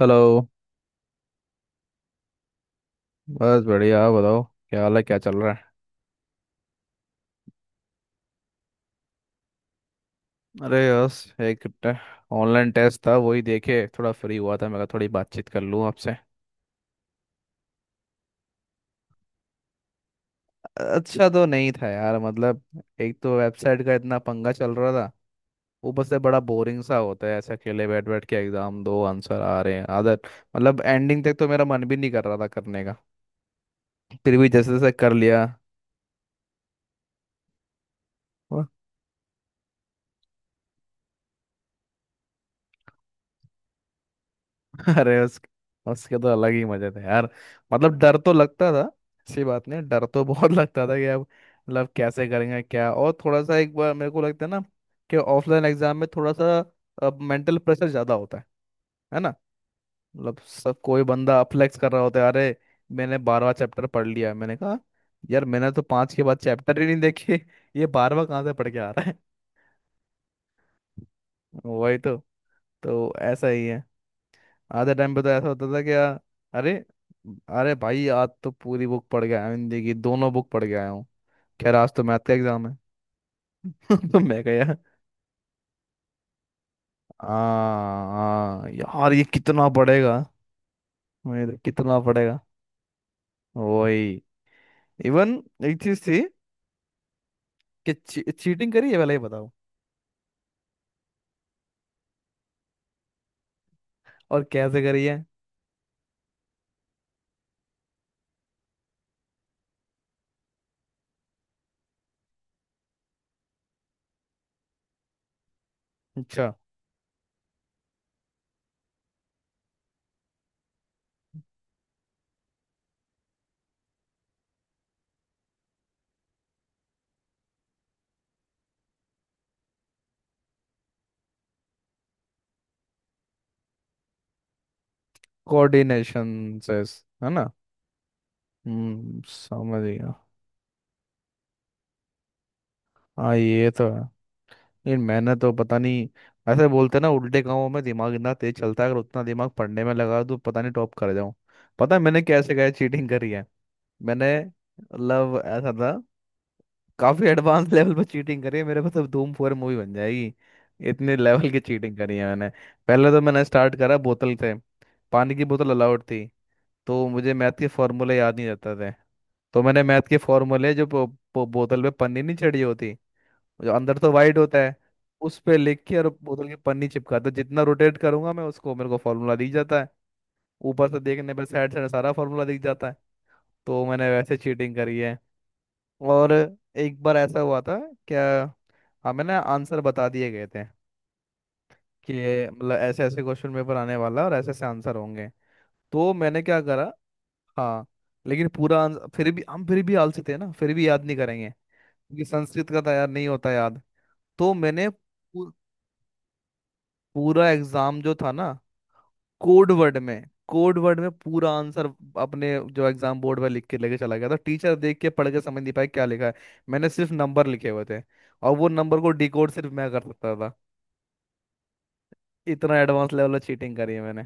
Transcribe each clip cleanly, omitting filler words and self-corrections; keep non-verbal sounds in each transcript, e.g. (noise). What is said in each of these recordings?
Hello. बस बढ़िया आप बताओ। क्या हाल है क्या चल रहा है। अरे यस। एक ऑनलाइन टेस्ट था, वही देखे, थोड़ा फ्री हुआ था, मैं कहा थोड़ी बातचीत कर लूँ आपसे। अच्छा तो नहीं था यार मतलब, एक तो वेबसाइट का इतना पंगा चल रहा था। ऊपर से बड़ा बोरिंग सा होता है, ऐसे अकेले बैठ बैठ के एग्जाम दो, आंसर आ रहे हैं आदत। मतलब एंडिंग तक तो मेरा मन भी नहीं कर रहा था करने का, फिर भी जैसे जैसे कर लिया। (laughs) अरे उस उसके तो अलग ही मजे थे यार। मतलब डर तो लगता था। ऐसी बात नहीं, डर तो (laughs) बहुत लगता था कि अब मतलब कैसे करेंगे क्या, और थोड़ा सा एक बार मेरे को लगता है ना कि ऑफलाइन एग्जाम में थोड़ा सा मेंटल प्रेशर ज़्यादा होता है। है ना। मतलब सब, कोई बंदा फ्लेक्स कर रहा होता है, अरे मैंने 12वां चैप्टर पढ़ लिया है, मैंने कहा यार मैंने तो पाँच के बाद चैप्टर ही नहीं देखे, ये 12वां कहाँ से पढ़ के आ रहा है। (laughs) वही तो। तो ऐसा ही है। आधे टाइम पे तो ऐसा होता था कि यार, अरे अरे भाई आज तो पूरी बुक पढ़ के आया हूँ, हिंदी की दोनों बुक पढ़ के आया हूँ, खैर आज तो मैथ का एग्जाम है। (laughs) तो मैं कह यार आ, आ, यार ये कितना पड़ेगा। मेरे कितना पड़ेगा। वही। इवन एक चीज थी कि चीटिंग करी है पहले ये बताओ। और कैसे करी है। अच्छा। कोऑर्डिनेशन से है ना। समझ गया। हाँ ये तो है। ये मैंने तो पता नहीं। ऐसे बोलते हैं ना, उल्टे कामों में दिमाग इतना तेज चलता है, अगर उतना दिमाग पढ़ने में लगा तो पता नहीं टॉप कर जाऊं। पता है मैंने कैसे कैसे चीटिंग करी है। मैंने मतलब ऐसा था। काफी एडवांस (laughs) लेवल पर चीटिंग करी है, मेरे पास अब धूम 4 मूवी बन जाएगी। इतने लेवल की चीटिंग करी है मैंने। पहले तो मैंने स्टार्ट करा बोतल से। पानी की बोतल अलाउड थी। तो मुझे मैथ के फॉर्मूले याद नहीं रहते थे। तो मैंने मैथ के फॉर्मूले जो बो- बो- बोतल पे पन्नी नहीं चढ़ी होती, जो अंदर तो वाइड होता है, उस पे लिख के और बोतल की पन्नी चिपका, तो जितना रोटेट करूंगा मैं उसको मेरे को फार्मूला दिख जाता है। ऊपर से देखने पर साइड साइड सारा फार्मूला दिख जाता है। तो मैंने वैसे चीटिंग करी है। और एक बार ऐसा हुआ था क्या, हमें ना आंसर बता दिए गए थे कि मतलब ऐसे ऐसे क्वेश्चन पेपर आने वाला और ऐसे ऐसे आंसर होंगे। तो मैंने क्या करा। हाँ। लेकिन पूरा आंसर फिर भी आलसी थे ना, फिर भी याद नहीं करेंगे। क्योंकि संस्कृत का था यार, नहीं होता याद। तो मैंने पूरा एग्जाम जो था ना कोड वर्ड में कोड वर्ड में पूरा आंसर, अपने जो एग्जाम बोर्ड पर लिख के लेके चला गया था, टीचर देख के पढ़ के समझ नहीं पाए क्या लिखा है। मैंने सिर्फ नंबर लिखे हुए थे, और वो नंबर को डिकोड सिर्फ मैं कर सकता था। इतना एडवांस लेवल चीटिंग करी है मैंने।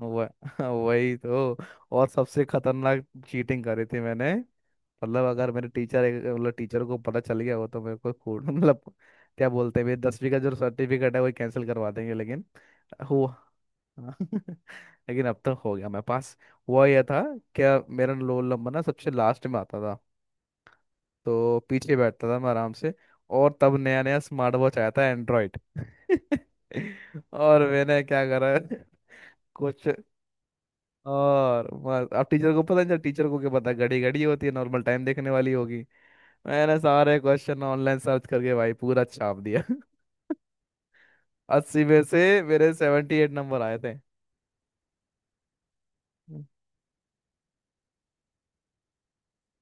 वह (laughs) वही तो। और सबसे खतरनाक चीटिंग करी थी मैंने। मतलब अगर मेरे टीचर, मतलब टीचर को पता चल गया हो तो मेरे को कोड मतलब, क्या बोलते हैं, मेरे 10वीं का जो सर्टिफिकेट है वो कैंसिल करवा देंगे, लेकिन। हो हाँ, (laughs) लेकिन अब तक हो गया मेरे पास। हुआ यह था क्या, मेरा रोल नंबर ना सबसे लास्ट में आता था। तो पीछे बैठता था मैं आराम से। और तब नया नया स्मार्ट वॉच आया था एंड्रॉइड, (laughs) और मैंने क्या करा। कुछ और बस, अब टीचर को पता नहीं चला, टीचर को क्या पता घड़ी घड़ी होती है नॉर्मल टाइम देखने वाली होगी। मैंने सारे क्वेश्चन ऑनलाइन सर्च करके भाई पूरा छाप दिया। (laughs) अस्सी में से मेरे 78 नंबर आए थे। हम्म,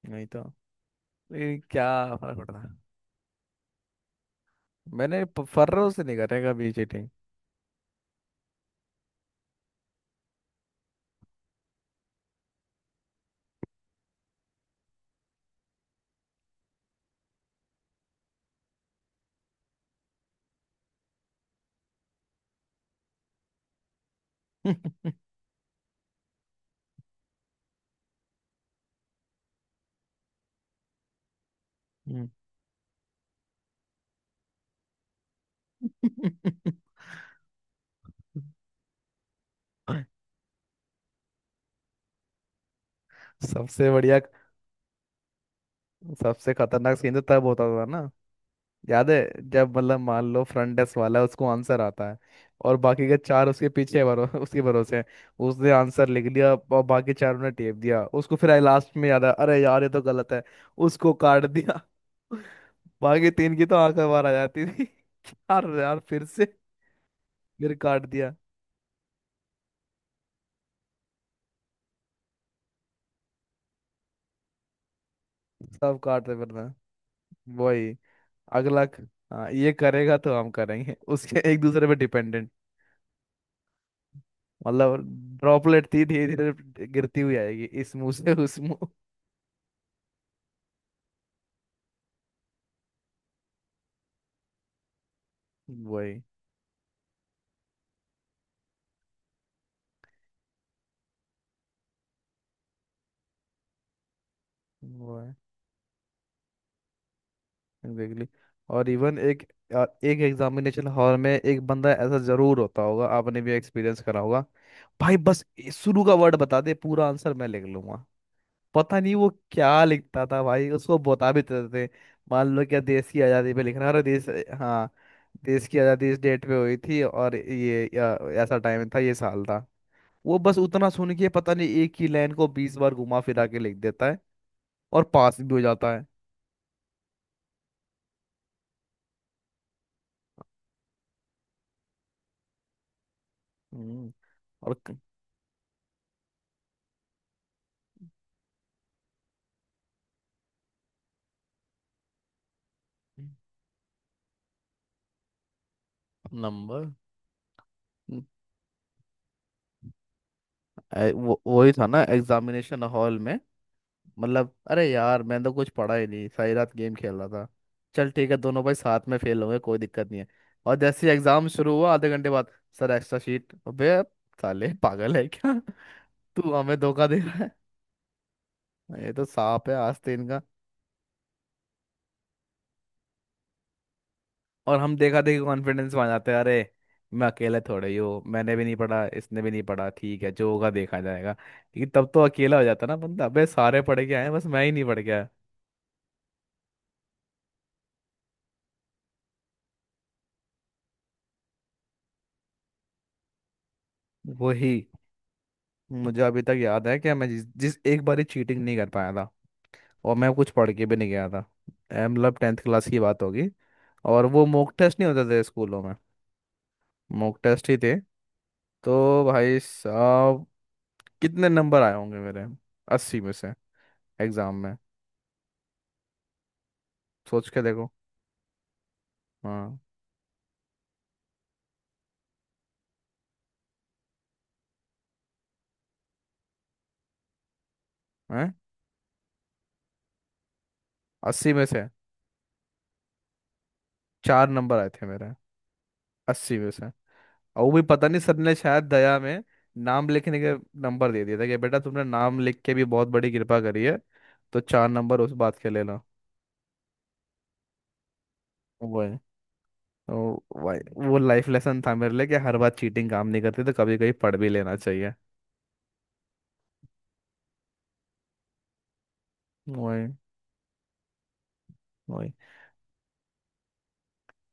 नहीं तो ये क्या फर्क पड़ता। मैंने फर्रों से नहीं करेगा भी चीटिंग। (laughs) सबसे बढ़िया, सबसे खतरनाक सीन तो तब होता था ना, याद है जब मतलब मान लो फ्रंट डेस्क वाला है, उसको आंसर आता है, और बाकी के चार उसके पीछे भरो (laughs) उसके भरोसे हैं। उसने आंसर लिख लिया और बाकी चारों ने टेप दिया उसको, फिर लास्ट में याद आया अरे यार ये तो गलत है, उसको काट दिया। (laughs) बाकी तीन की तो आंखें बाहर आ जाती थी। (laughs) यार यार फिर से, फिर काट दिया। सब काट रहे वरना। वही। अगला क- हाँ ये करेगा तो हम करेंगे, उसके एक दूसरे पे डिपेंडेंट। मतलब ड्रॉपलेट थी धीरे धीरे गिरती हुई आएगी, इस मुंह से उस मुंह। वही वही एग्जैक्टली। और इवन एक एग्जामिनेशन हॉल में एक बंदा ऐसा जरूर होता होगा, आपने भी एक्सपीरियंस करा होगा। भाई बस ये शुरू का वर्ड बता दे, पूरा आंसर मैं लिख लूंगा। पता नहीं वो क्या लिखता था, भाई उसको बता भी तो देते थे। मान लो क्या देश की आज़ादी पे लिखना, अरे देश हाँ देश की आज़ादी इस डेट पे हुई थी और ये ऐसा टाइम था ये साल था। वो बस उतना सुन के पता नहीं एक ही लाइन को 20 बार घुमा फिरा के लिख देता है, और पास भी हो जाता है। हम्म, और क- नंबर, वो वही था ना एग्जामिनेशन हॉल में। मतलब अरे यार मैंने तो कुछ पढ़ा ही नहीं, सारी रात गेम खेल रहा था। चल ठीक है, दोनों भाई साथ में फेल होंगे, कोई दिक्कत नहीं है। और जैसे ही एग्जाम शुरू हुआ आधे घंटे बाद सर एक्स्ट्रा शीट, अबे साले पागल है क्या। (laughs) तू हमें धोखा दे रहा है, ये तो सांप है आस्ते इनका। और हम देखा देखी कॉन्फिडेंस में आ जाते हैं, अरे मैं अकेले थोड़े ही हूँ, मैंने भी नहीं पढ़ा इसने भी नहीं पढ़ा, ठीक है जो होगा देखा जाएगा, लेकिन तब तो अकेला हो जाता ना बंदा, अबे सारे पढ़ के आए हैं, बस मैं ही नहीं पढ़ के आया। वही। मुझे अभी तक याद है कि मैं जिस जिस एक बार ही चीटिंग नहीं कर पाया था, और मैं कुछ पढ़ के भी नहीं गया था। मतलब 10th क्लास की बात होगी। और वो मॉक टेस्ट नहीं होते थे स्कूलों में, मॉक टेस्ट ही थे। तो भाई साहब कितने नंबर आए होंगे मेरे, 80 में से, एग्जाम में। सोच के देखो। हाँ। हैं। 80 में से 4 नंबर आए थे मेरे, 80 में से। और वो भी पता नहीं, सर ने शायद दया में नाम लिखने के नंबर दे दिया था कि बेटा तुमने नाम लिख के भी बहुत बड़ी कृपा करी है, तो 4 नंबर उस बात के लेना। वो है। और भाई वो लाइफ लेसन था मेरे लिए कि हर बार चीटिंग काम नहीं करती, तो कभी कभी पढ़ भी लेना चाहिए। वही वही।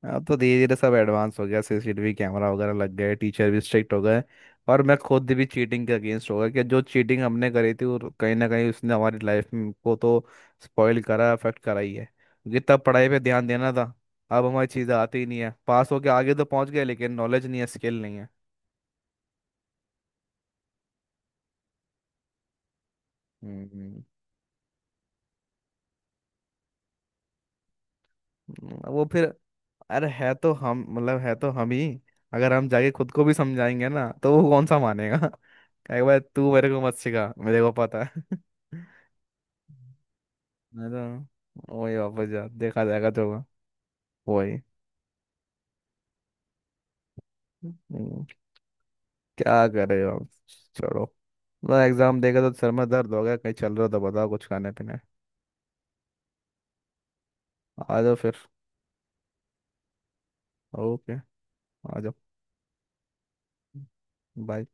अब तो धीरे धीरे सब एडवांस हो गया, सीसीटीवी कैमरा वगैरह लग गए, टीचर भी स्ट्रिक्ट हो गए। और मैं खुद भी चीटिंग के अगेंस्ट हो गया, कि जो चीटिंग हमने करी थी वो कहीं ना कहीं उसने हमारी लाइफ को तो स्पॉइल करा अफेक्ट करा ही है, क्योंकि तब पढ़ाई पे ध्यान देना था। अब हमारी चीज़ें आती ही नहीं है, पास होके आगे तो पहुंच गए लेकिन नॉलेज नहीं है स्किल नहीं है। हम्म वो फिर। अरे है तो हम, मतलब है तो हम ही। अगर हम जाके खुद को भी समझाएंगे ना तो वो कौन सा मानेगा। (laughs) कहेगा भाई तू मेरे को मत सिखा, मेरे को पता है। (laughs) मैं तो वही वापस जा, देखा जाएगा जो होगा। वही। हम्म, क्या कर रहे हो आप? छोड़ो। मतलब एग्जाम देगा तो सर में दर्द हो गया, कहीं चल रहा हो तो बताओ कुछ खाने पीने। आ जाओ फिर। ओके आ जाओ। बाय।